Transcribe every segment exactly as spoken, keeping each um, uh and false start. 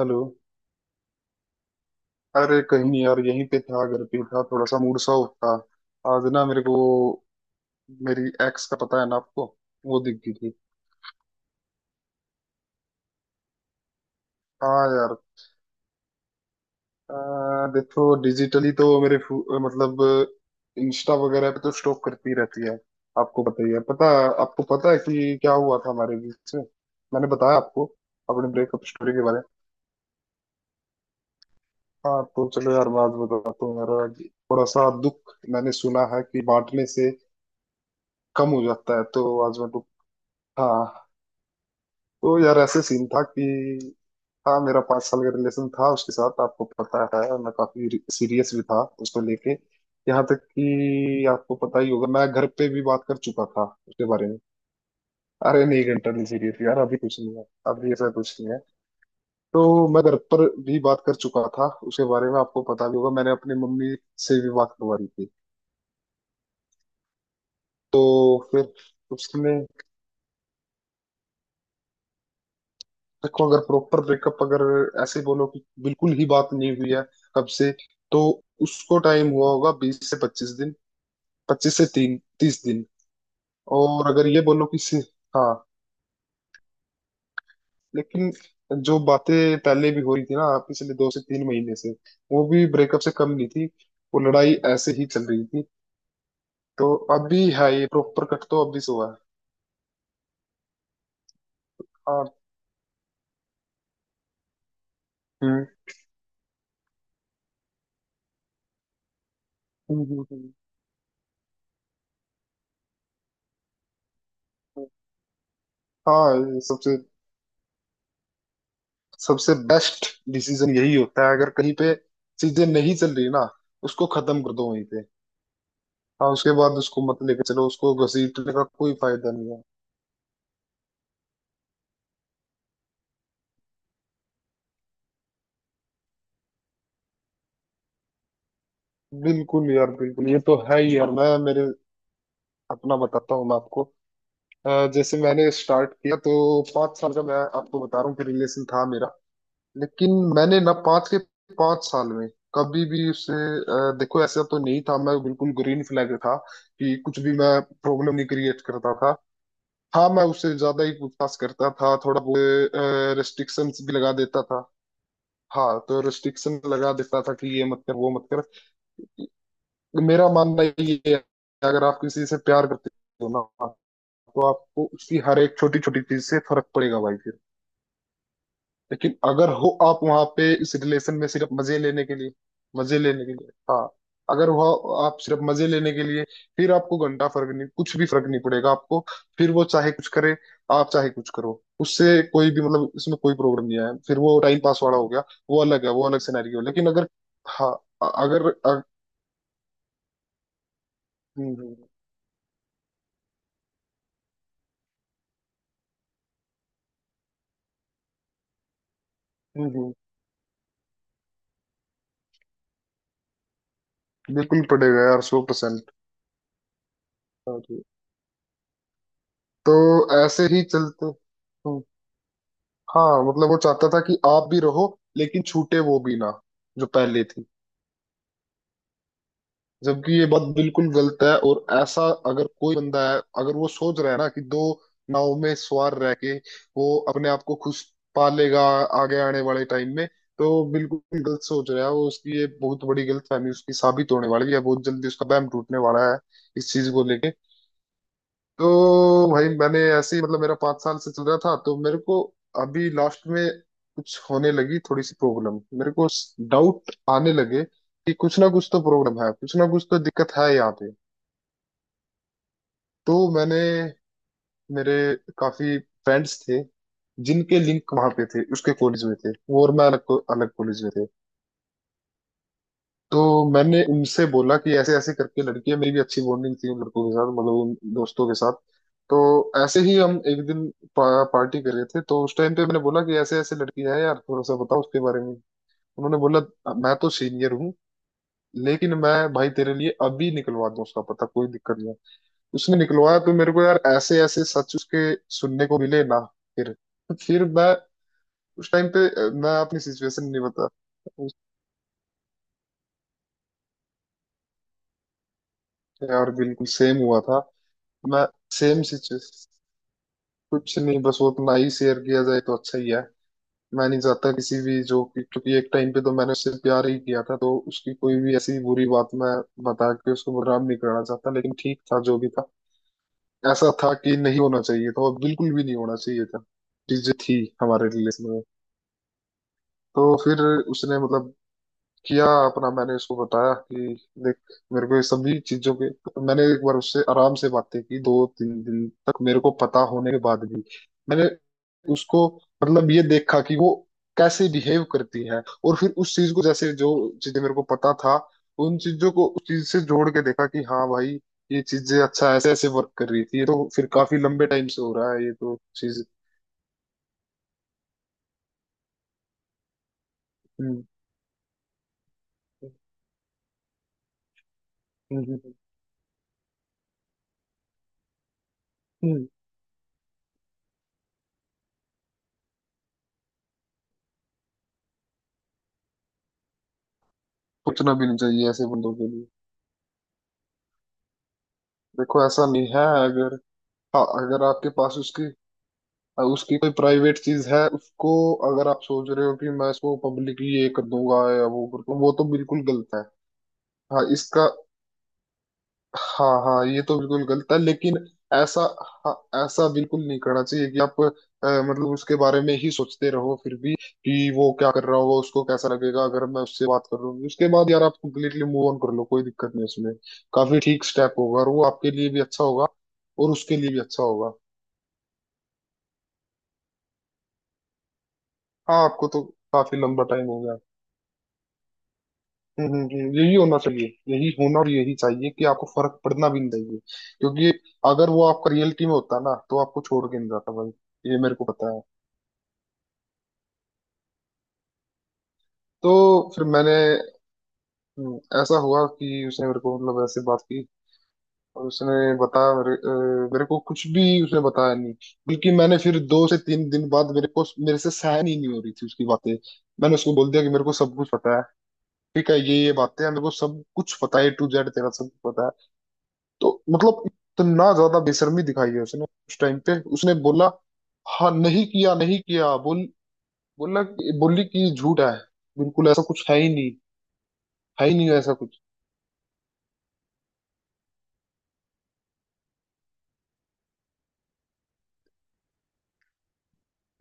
Hello. अरे कहीं नहीं यार, यहीं पे था, घर पे था। थोड़ा सा मूड सा उठा आज ना मेरे को। मेरी एक्स का पता है ना आपको, वो दिख गई थी। हाँ यार। आ, देखो, डिजिटली तो मेरे फो- मतलब इंस्टा वगैरह पे तो स्टॉक करती रहती है। आपको पता ही है, पता आपको पता है कि क्या हुआ था हमारे बीच में। मैंने बताया आपको अपने ब्रेकअप स्टोरी के बारे में। हाँ, तो चलो यार, मैं आज बताता हूँ। मेरा आज थोड़ा सा दुख, मैंने सुना है कि बांटने से कम हो जाता है, तो आज मैं तो। हाँ। तो यार, ऐसे सीन था कि हाँ, मेरा पाँच साल का रिलेशन था उसके साथ, आपको पता है, और मैं काफी सीरियस भी था उसको लेके। यहाँ तक कि आपको पता ही होगा, मैं घर पे भी बात कर चुका था उसके बारे में। अरे नहीं, घंटा नहीं सीरियस यार, अभी कुछ नहीं है, अभी ऐसा कुछ नहीं है। तो मैं घर पर भी बात कर चुका था उसके बारे में, आपको पता भी होगा, मैंने अपनी मम्मी से भी बात करवा दी थी। तो फिर उसने, देखो, अगर प्रॉपर ब्रेकअप, अगर ऐसे बोलो कि बिल्कुल ही बात नहीं हुई है कब से, तो उसको टाइम हुआ होगा बीस से पच्चीस दिन, पच्चीस से तीन तीस दिन। और अगर ये बोलो कि से, हाँ, लेकिन जो बातें पहले भी हो रही थी ना, पिछले दो से तीन महीने से, वो भी ब्रेकअप से कम नहीं थी। वो लड़ाई ऐसे ही चल रही थी। तो अभी है ये प्रॉपर कट तो अभी से हुआ है। हाँ। हम्म हम्म, हम्म, हम्म। हाँ, ये सबसे, सबसे बेस्ट डिसीजन यही होता है। अगर कहीं पे चीजें नहीं चल रही ना, उसको खत्म कर दो वहीं पे। हाँ, उसके बाद उसको मत लेकर चलो, उसको घसीटने का कोई फायदा नहीं है। बिल्कुल यार, बिल्कुल, ये तो है ही यार। मैं मेरे अपना बताता हूँ मैं आपको। अ, जैसे मैंने स्टार्ट किया, तो पाँच साल का मैं आपको बता रहा हूँ कि रिलेशन था मेरा, लेकिन मैंने ना पाँच के पाँच साल में कभी भी उससे, अ, देखो, ऐसा तो नहीं था, मैं बिल्कुल ग्रीन फ्लैग था कि कुछ भी मैं प्रॉब्लम नहीं क्रिएट करता था। हाँ, मैं उससे ज्यादा ही पूछताछ करता था थोड़ा बहुत, रेस्ट्रिक्शंस भी लगा देता था। हाँ, तो रेस्ट्रिक्शन लगा देता था कि ये मत कर, वो मत कर। मेरा मानना ये है कि अगर आप किसी से प्यार करते हो ना, तो आपको उसकी हर एक छोटी छोटी चीज से फर्क पड़ेगा भाई। लेकिन अगर हो आप वहां पे इस रिलेशन में सिर्फ मजे लेने के लिए, मजे लेने के लिए हाँ, अगर वह आप सिर्फ मजे लेने के लिए, फिर आपको घंटा फर्क नहीं, कुछ भी फर्क नहीं पड़ेगा आपको। फिर वो चाहे कुछ करे, आप चाहे कुछ करो, उससे कोई भी मतलब, इसमें कोई प्रॉब्लम नहीं है, फिर वो टाइम पास वाला हो गया। वो अलग है, वो अलग सिनेरियो। लेकिन अगर हाँ, अ- अगर अ, हम्म, हम्म, हम्म, हम्म, बिल्कुल पड़ेगा यार, सौ परसेंट। तो ऐसे ही चलते। हम्म। हाँ, मतलब वो चाहता था कि आप भी रहो, लेकिन छूटे वो भी ना, जो पहले थी। जबकि ये बात बिल्कुल गलत है, और ऐसा, अगर कोई बंदा है, अगर वो सोच रहा है ना कि दो नाव में सवार रह के वो अपने आप को खुश पा लेगा आगे आने वाले टाइम में, तो बिल्कुल गलत सोच रहा है वो। उसकी ये बहुत बड़ी गलतफहमी उसकी साबित होने वाली है, बहुत जल्दी उसका बैम टूटने वाला है इस चीज को लेके। तो भाई, मैंने ऐसे ही, मतलब मेरा पाँच साल से चल रहा था, तो मेरे को अभी लास्ट में कुछ होने लगी थोड़ी सी प्रॉब्लम, मेरे को डाउट आने लगे कि कुछ ना कुछ तो प्रॉब्लम है, कुछ ना कुछ तो दिक्कत है यहाँ पे। तो मैंने, मेरे काफी फ्रेंड्स थे जिनके लिंक वहां पे थे उसके कॉलेज में, थे वो, और मैं अलग अलग कॉलेज में थे। तो मैंने उनसे बोला कि ऐसे ऐसे करके लड़की है, मेरी भी अच्छी बॉन्डिंग थी उन लड़कों के साथ, मतलब उन दोस्तों के साथ। तो ऐसे ही हम एक दिन पा, पार्टी कर रहे थे, तो उस टाइम पे मैंने बोला कि ऐसे ऐसे लड़की है यार, थोड़ा सा बताओ उसके बारे में। उन्होंने बोला, मैं तो सीनियर हूँ, लेकिन मैं भाई तेरे लिए अभी निकलवा दूँ उसका पता, कोई दिक्कत नहीं है।" उसने निकलवाया, तो मेरे को यार ऐसे ऐसे सच उसके सुनने को मिले ना। फिर फिर मैं उस टाइम पे अ, मैं अपनी सिचुएशन नहीं बता। यार बिल्कुल सेम हुआ था। मैं सेम सिचुएशन, कुछ नहीं, बस वो अपना ही शेयर किया जाए तो अच्छा ही है। मैं नहीं चाहता किसी भी, जो कि, क्योंकि एक टाइम पे तो मैंने उससे प्यार ही किया था, तो उसकी कोई भी ऐसी बुरी बात मैं बता के उसको बदनाम नहीं करना चाहता। लेकिन ठीक था, जो भी था, ऐसा था कि नहीं होना चाहिए था, और बिल्कुल भी नहीं होना चाहिए था चीजें थी हमारे रिलेशन में। तो फिर उसने, मतलब, किया अपना। मैंने उसको बताया कि देख, मेरे को ये सभी चीजों के, मैंने एक बार उससे आराम से बातें की, दो तीन दिन तक मेरे को पता होने के बाद भी, मैंने उसको, मतलब, ये देखा कि वो कैसे बिहेव करती है, और फिर उस चीज को, जैसे जो चीजें मेरे को पता था, उन चीजों को उस चीज से जोड़ के देखा कि हाँ भाई, ये चीजें अच्छा ऐसे ऐसे वर्क कर रही थी, ये तो फिर काफी लंबे टाइम से हो रहा है, ये तो चीज। हम्म हम्म हम्म, हम्म। हम्म, सोचना भी नहीं चाहिए ऐसे बंदों के लिए। देखो ऐसा नहीं है, अगर हाँ, अगर आपके पास उसकी, उसकी कोई प्राइवेट चीज है उसको, अगर आप सोच रहे हो कि मैं इसको पब्लिकली ये कर दूंगा या वो कर दूंगा, वो तो बिल्कुल गलत है। हाँ इसका, हाँ हाँ, ये तो बिल्कुल गलत है। लेकिन ऐसा, हाँ, ऐसा बिल्कुल नहीं करना चाहिए कि आप अ, मतलब उसके बारे में ही सोचते रहो फिर भी कि वो क्या कर रहा होगा, उसको कैसा लगेगा अगर मैं उससे बात कर लूंगी, उसके बाद यार आप कंप्लीटली मूव ऑन कर लो, कोई दिक्कत नहीं है उसमें। काफी ठीक स्टेप होगा, और वो आपके लिए भी अच्छा होगा, और उसके लिए भी अच्छा होगा। हाँ, आपको तो काफी लंबा टाइम हो गया। हम्म हम्म, हम्म, यही होना चाहिए, यही होना और यही चाहिए कि आपको फर्क पड़ना भी नहीं चाहिए, क्योंकि अगर वो आपका रियलिटी में होता ना, तो आपको छोड़ के नहीं जाता भाई, ये मेरे को पता है। तो फिर मैंने, हम्म, ऐसा हुआ कि उसने मेरे को मतलब ऐसे बात की, और उसने बताया मेरे, अ, मेरे को कुछ भी उसने बताया नहीं, बल्कि मैंने फिर दो से तीन दिन बाद, मेरे को मेरे से सहन ही नहीं हो रही थी उसकी बातें, मैंने उसको बोल दिया कि मेरे को सब कुछ पता है, ठीक है ये ये बातें हैं, मेरे को सब कुछ पता है, ए टू जेड तेरा सब कुछ पता है। तो मतलब इतना ज्यादा बेशर्मी दिखाई है उसने, उस टाइम पे उसने बोला, हाँ नहीं किया, नहीं किया बोल, बोला कि- बोली कि झूठ है, बिल्कुल ऐसा कुछ है ही नहीं, है ही नहीं ऐसा कुछ।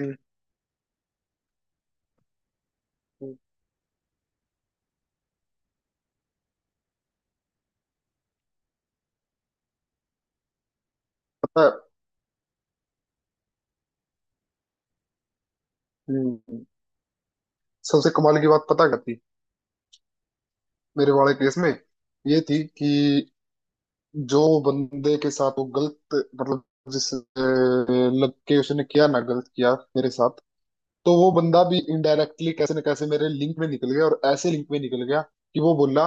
हम्म, हम्म, पता है। हम्म, सबसे कमाल की बात पता क्या थी मेरे वाले केस में, ये थी कि जो बंदे के साथ वो गलत, मतलब, जिस अ, लग के उसने किया ना, गलत किया मेरे साथ, तो वो बंदा भी इनडायरेक्टली कैसे न कैसे मेरे लिंक में निकल गया, और ऐसे लिंक में निकल गया कि वो बोला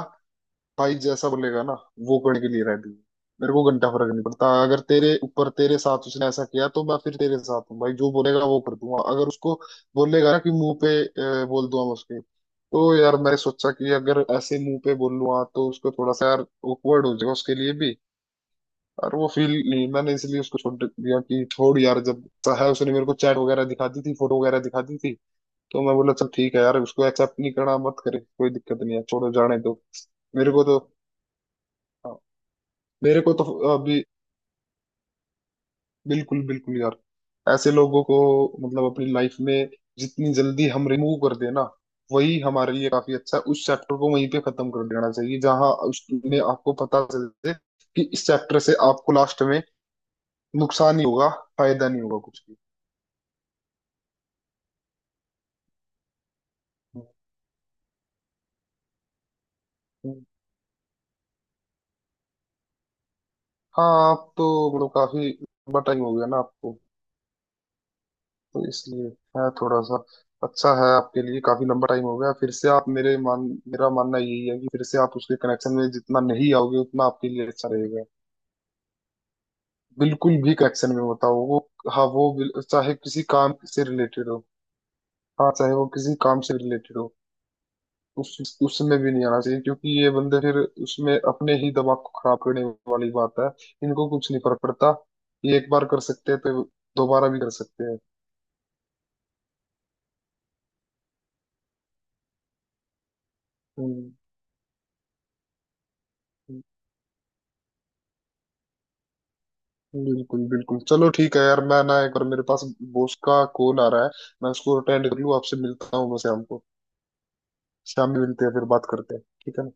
भाई, जैसा बोलेगा ना वो करने के लिए रेडी हूँ। मेरे को घंटा फर्क नहीं पड़ता, अगर तेरे ऊपर तेरे साथ उसने ऐसा किया, तो मैं फिर तेरे साथ हूँ भाई, जो बोलेगा वो कर दूंगा। अगर उसको बोलेगा ना कि मुंह पे अ, बोल दूंगा मैं उसके, तो यार मैंने सोचा कि अगर ऐसे मुंह पे बोल लूंगा तो उसको थोड़ा सा यार awkward हो जाएगा उसके लिए भी, और वो फील नहीं मैंने, इसलिए उसको छोड़ दिया कि छोड़ यार, जब चाहे उसने मेरे को चैट वगैरह दिखा दी थी, फोटो वगैरह दिखा दी थी। तो मैं बोला चल ठीक है यार, उसको एक्सेप्ट नहीं करना मत करे, कोई दिक्कत नहीं है, छोड़ो जाने दो। मेरे को तो, मेरे को तो अभी, बिल्कुल बिल्कुल यार, ऐसे लोगों को मतलब अपनी लाइफ में जितनी जल्दी हम रिमूव कर देना, वही हमारे लिए काफी अच्छा है। उस चैप्टर को वहीं पे खत्म कर देना चाहिए जहां उसमें आपको पता चल जाए कि इस चैप्टर से आपको लास्ट में नुकसान ही होगा, फायदा नहीं होगा कुछ भी। हाँ, आप तो, मतलब काफी बटा ही हो गया ना आपको, तो इसलिए है थोड़ा सा, अच्छा है आपके लिए, काफी लंबा टाइम हो गया। फिर से आप मेरे मान मेरा मानना यही है कि फिर से आप उसके कनेक्शन में जितना नहीं आओगे, उतना आपके लिए अच्छा रहेगा। बिल्कुल भी कनेक्शन में होता हो वो। हाँ, वो बिल- चाहे किसी काम से रिलेटेड हो, हाँ, चाहे वो किसी काम से रिलेटेड हो, उस उसमें भी नहीं आना चाहिए, क्योंकि ये बंदे फिर उसमें अपने ही दिमाग को खराब करने वाली बात है। इनको कुछ नहीं फर्क पड़ता, ये एक बार कर सकते हैं तो दोबारा भी कर सकते हैं। हम्म। बिल्कुल बिल्कुल, चलो ठीक है यार, मैं ना एक बार, मेरे पास बॉस का कॉल आ रहा है, मैं उसको अटेंड कर लूँ, आपसे मिलता हूँ मैं शाम को। शाम में मिलते हैं, फिर बात करते हैं, ठीक है ना?